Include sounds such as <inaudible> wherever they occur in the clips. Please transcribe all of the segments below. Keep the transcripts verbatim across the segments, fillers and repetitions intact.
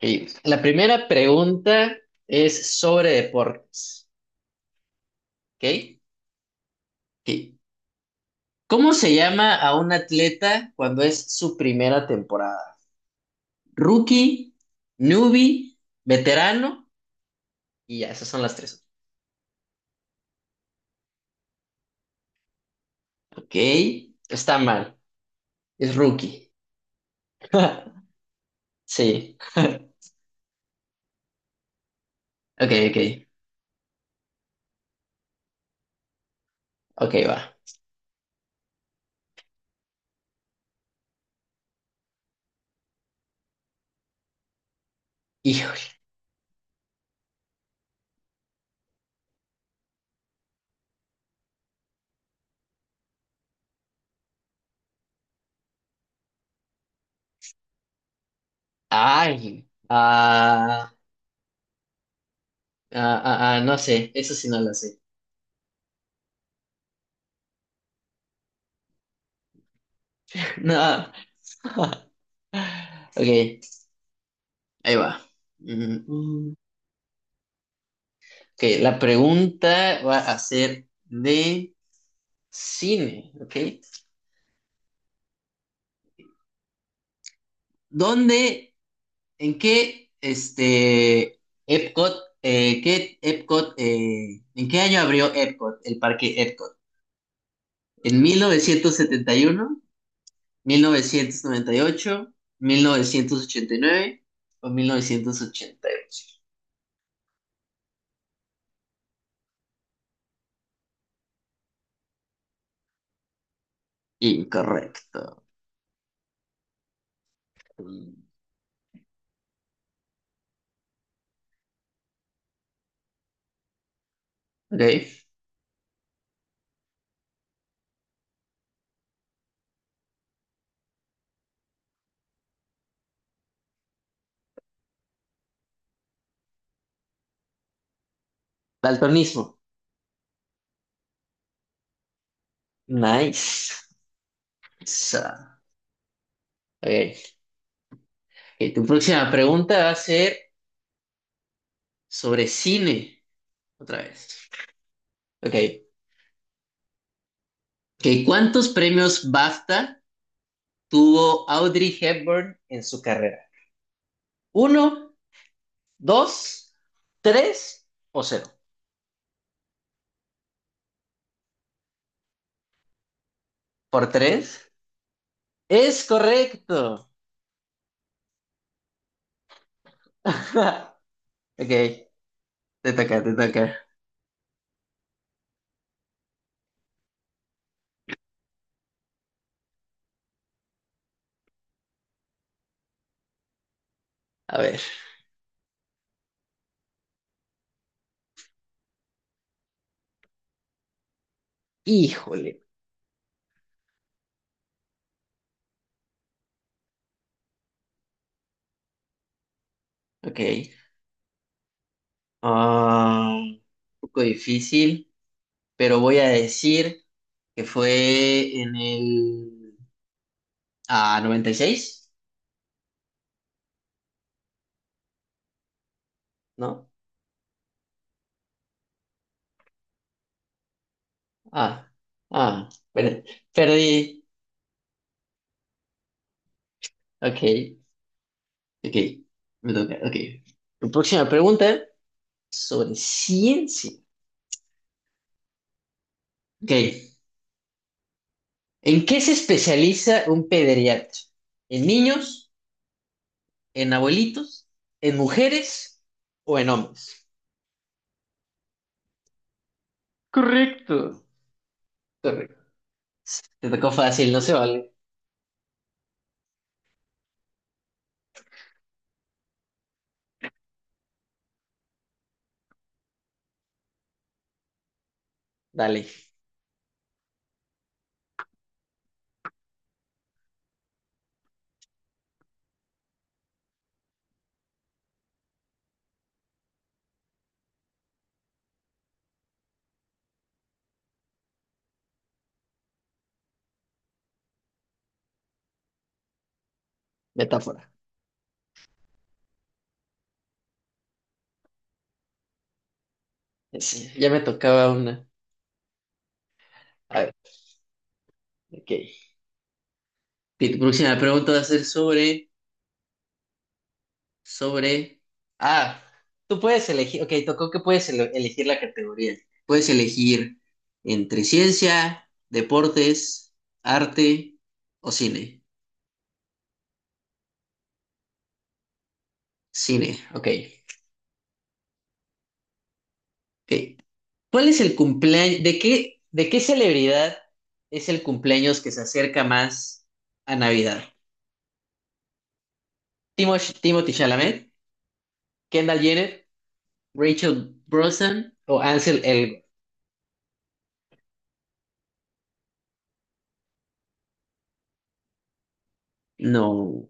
Y la primera pregunta es sobre deportes, ¿ok? Sí. ¿Cómo se llama a un atleta cuando es su primera temporada? Rookie, newbie, veterano y ya, esas son las tres. Ok, está mal, es rookie. <laughs> Sí, ok, ok, ok, va. Híjole, ay, ah, ah, ah, ah, no sé, eso sí no lo sé. <laughs> No. <laughs> Ok, ahí va. Mm, ok, la pregunta va a ser de cine, ¿ok? ¿Dónde, en qué, este, Epcot, eh, qué Epcot, eh, en qué año abrió Epcot, el parque Epcot? ¿En mil mil mil novecientos novecientos novecientos setenta y y uno, mil novecientos noventa y ocho, mil novecientos ochenta y nueve o mil novecientos ochenta y ocho? Incorrecto. Mm, Ok, daltonismo. Nice. So, ok. Ok, tu próxima pregunta va a ser sobre cine, otra vez. Ok, ok, ¿cuántos premios BAFTA tuvo Audrey Hepburn en su carrera? ¿Uno, dos, tres o cero? ¿Por tres? Es correcto. <laughs> Ok, te toca, te toca. A ver, híjole. Ok, ah, un poco difícil, pero voy a decir que fue en el ah, noventa y seis. ¿No? Ah, ah, bueno, perdí. Ok, ok, me toca, ok. Tu próxima pregunta sobre ciencia. Ok, ¿en qué se especializa un pediatra? ¿En niños? ¿En abuelitos? ¿En mujeres? ¿O en hombres? Correcto. Correcto. Te tocó fácil, no se vale. Dale, metáfora. Sí, ya me tocaba una. A ver, ok. Ok, tu próxima pregunta va a ser sobre sobre, Ah, tú puedes elegir, ok, tocó que puedes ele- elegir la categoría. Puedes elegir entre ciencia, deportes, arte o cine. Cine, ok. Ok. ¿Cuál es el cumpleaños, de qué, de qué celebridad es el cumpleaños que se acerca más a Navidad? Timosh- Timothy Chalamet, Kendall Jenner, Rachel Brosnan o Ansel Elgort? No.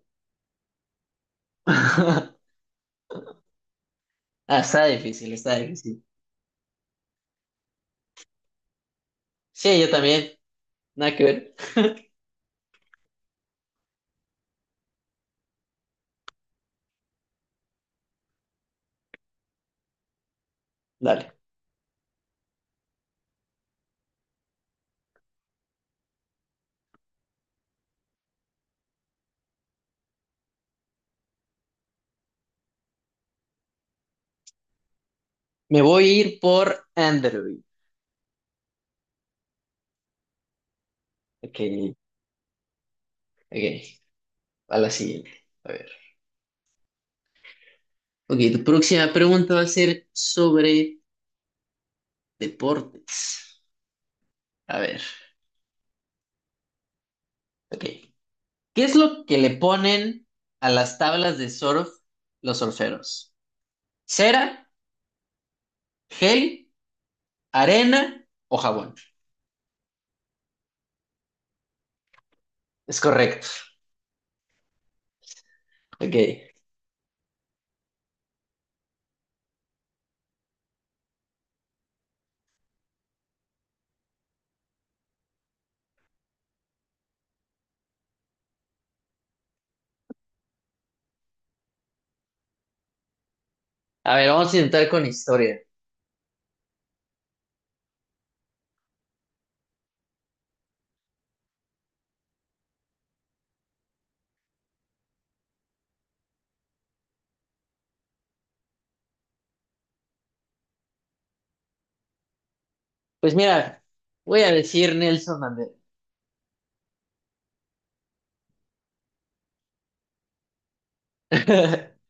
<laughs> Ah, está difícil, está difícil. Sí, yo también. Nada que ver. Dale. Me voy a ir por Android. Ok, ok. A la siguiente. A ver. Ok, tu próxima pregunta va a ser sobre deportes. A ver. Ok. ¿Qué es lo que le ponen a las tablas de surf los surferos? ¿Cera, gel, arena o jabón? Es correcto. Ok. A ver, vamos a intentar con historia. Pues mira, voy a decir Nelson Mandela. <laughs>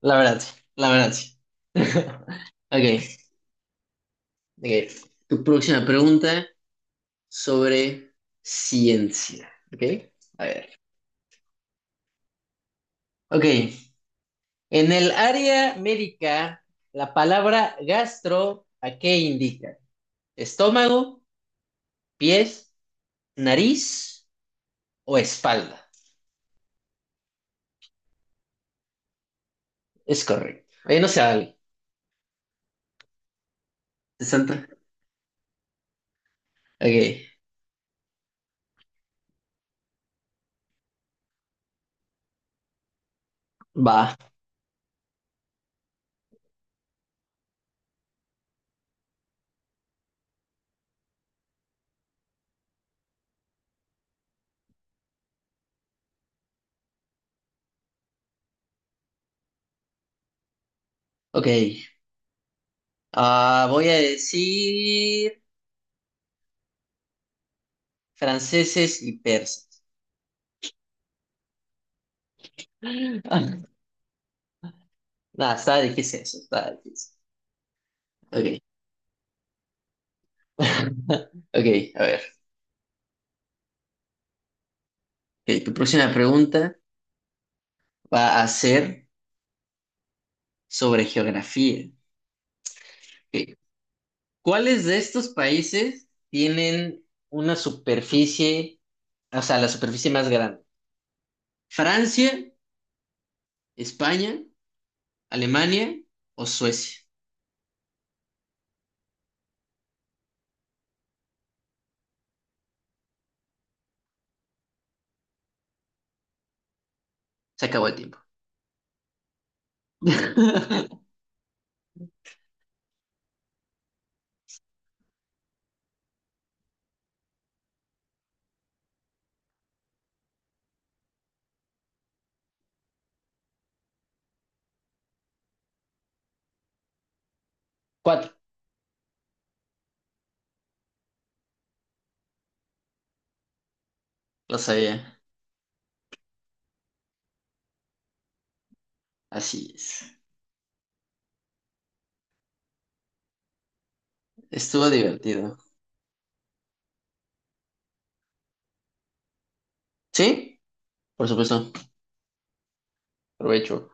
La verdad, sí, la verdad, sí. <laughs> Ok, ok. Tu próxima pregunta sobre ciencia. Ok, a ver. Ok, en el área médica, la palabra gastro, ¿a qué indica? ¿Estómago, pies, nariz o espalda? Es correcto. Ahí no se vale. Sesenta. ¿Santa? Ok, va. Ok. Ah, voy a decir franceses y persas. <laughs> Nada, está difícil eso, está difícil. Ok. <laughs> Ok, a ver. Ok, tu próxima pregunta va a ser sobre geografía. Ok, ¿cuáles de estos países tienen una superficie, o sea, la superficie más grande? ¿Francia, España, Alemania o Suecia? Se acabó el tiempo. <laughs> Cuatro. Lo sabía. Así es. Estuvo divertido. ¿Sí? Por supuesto. Provecho.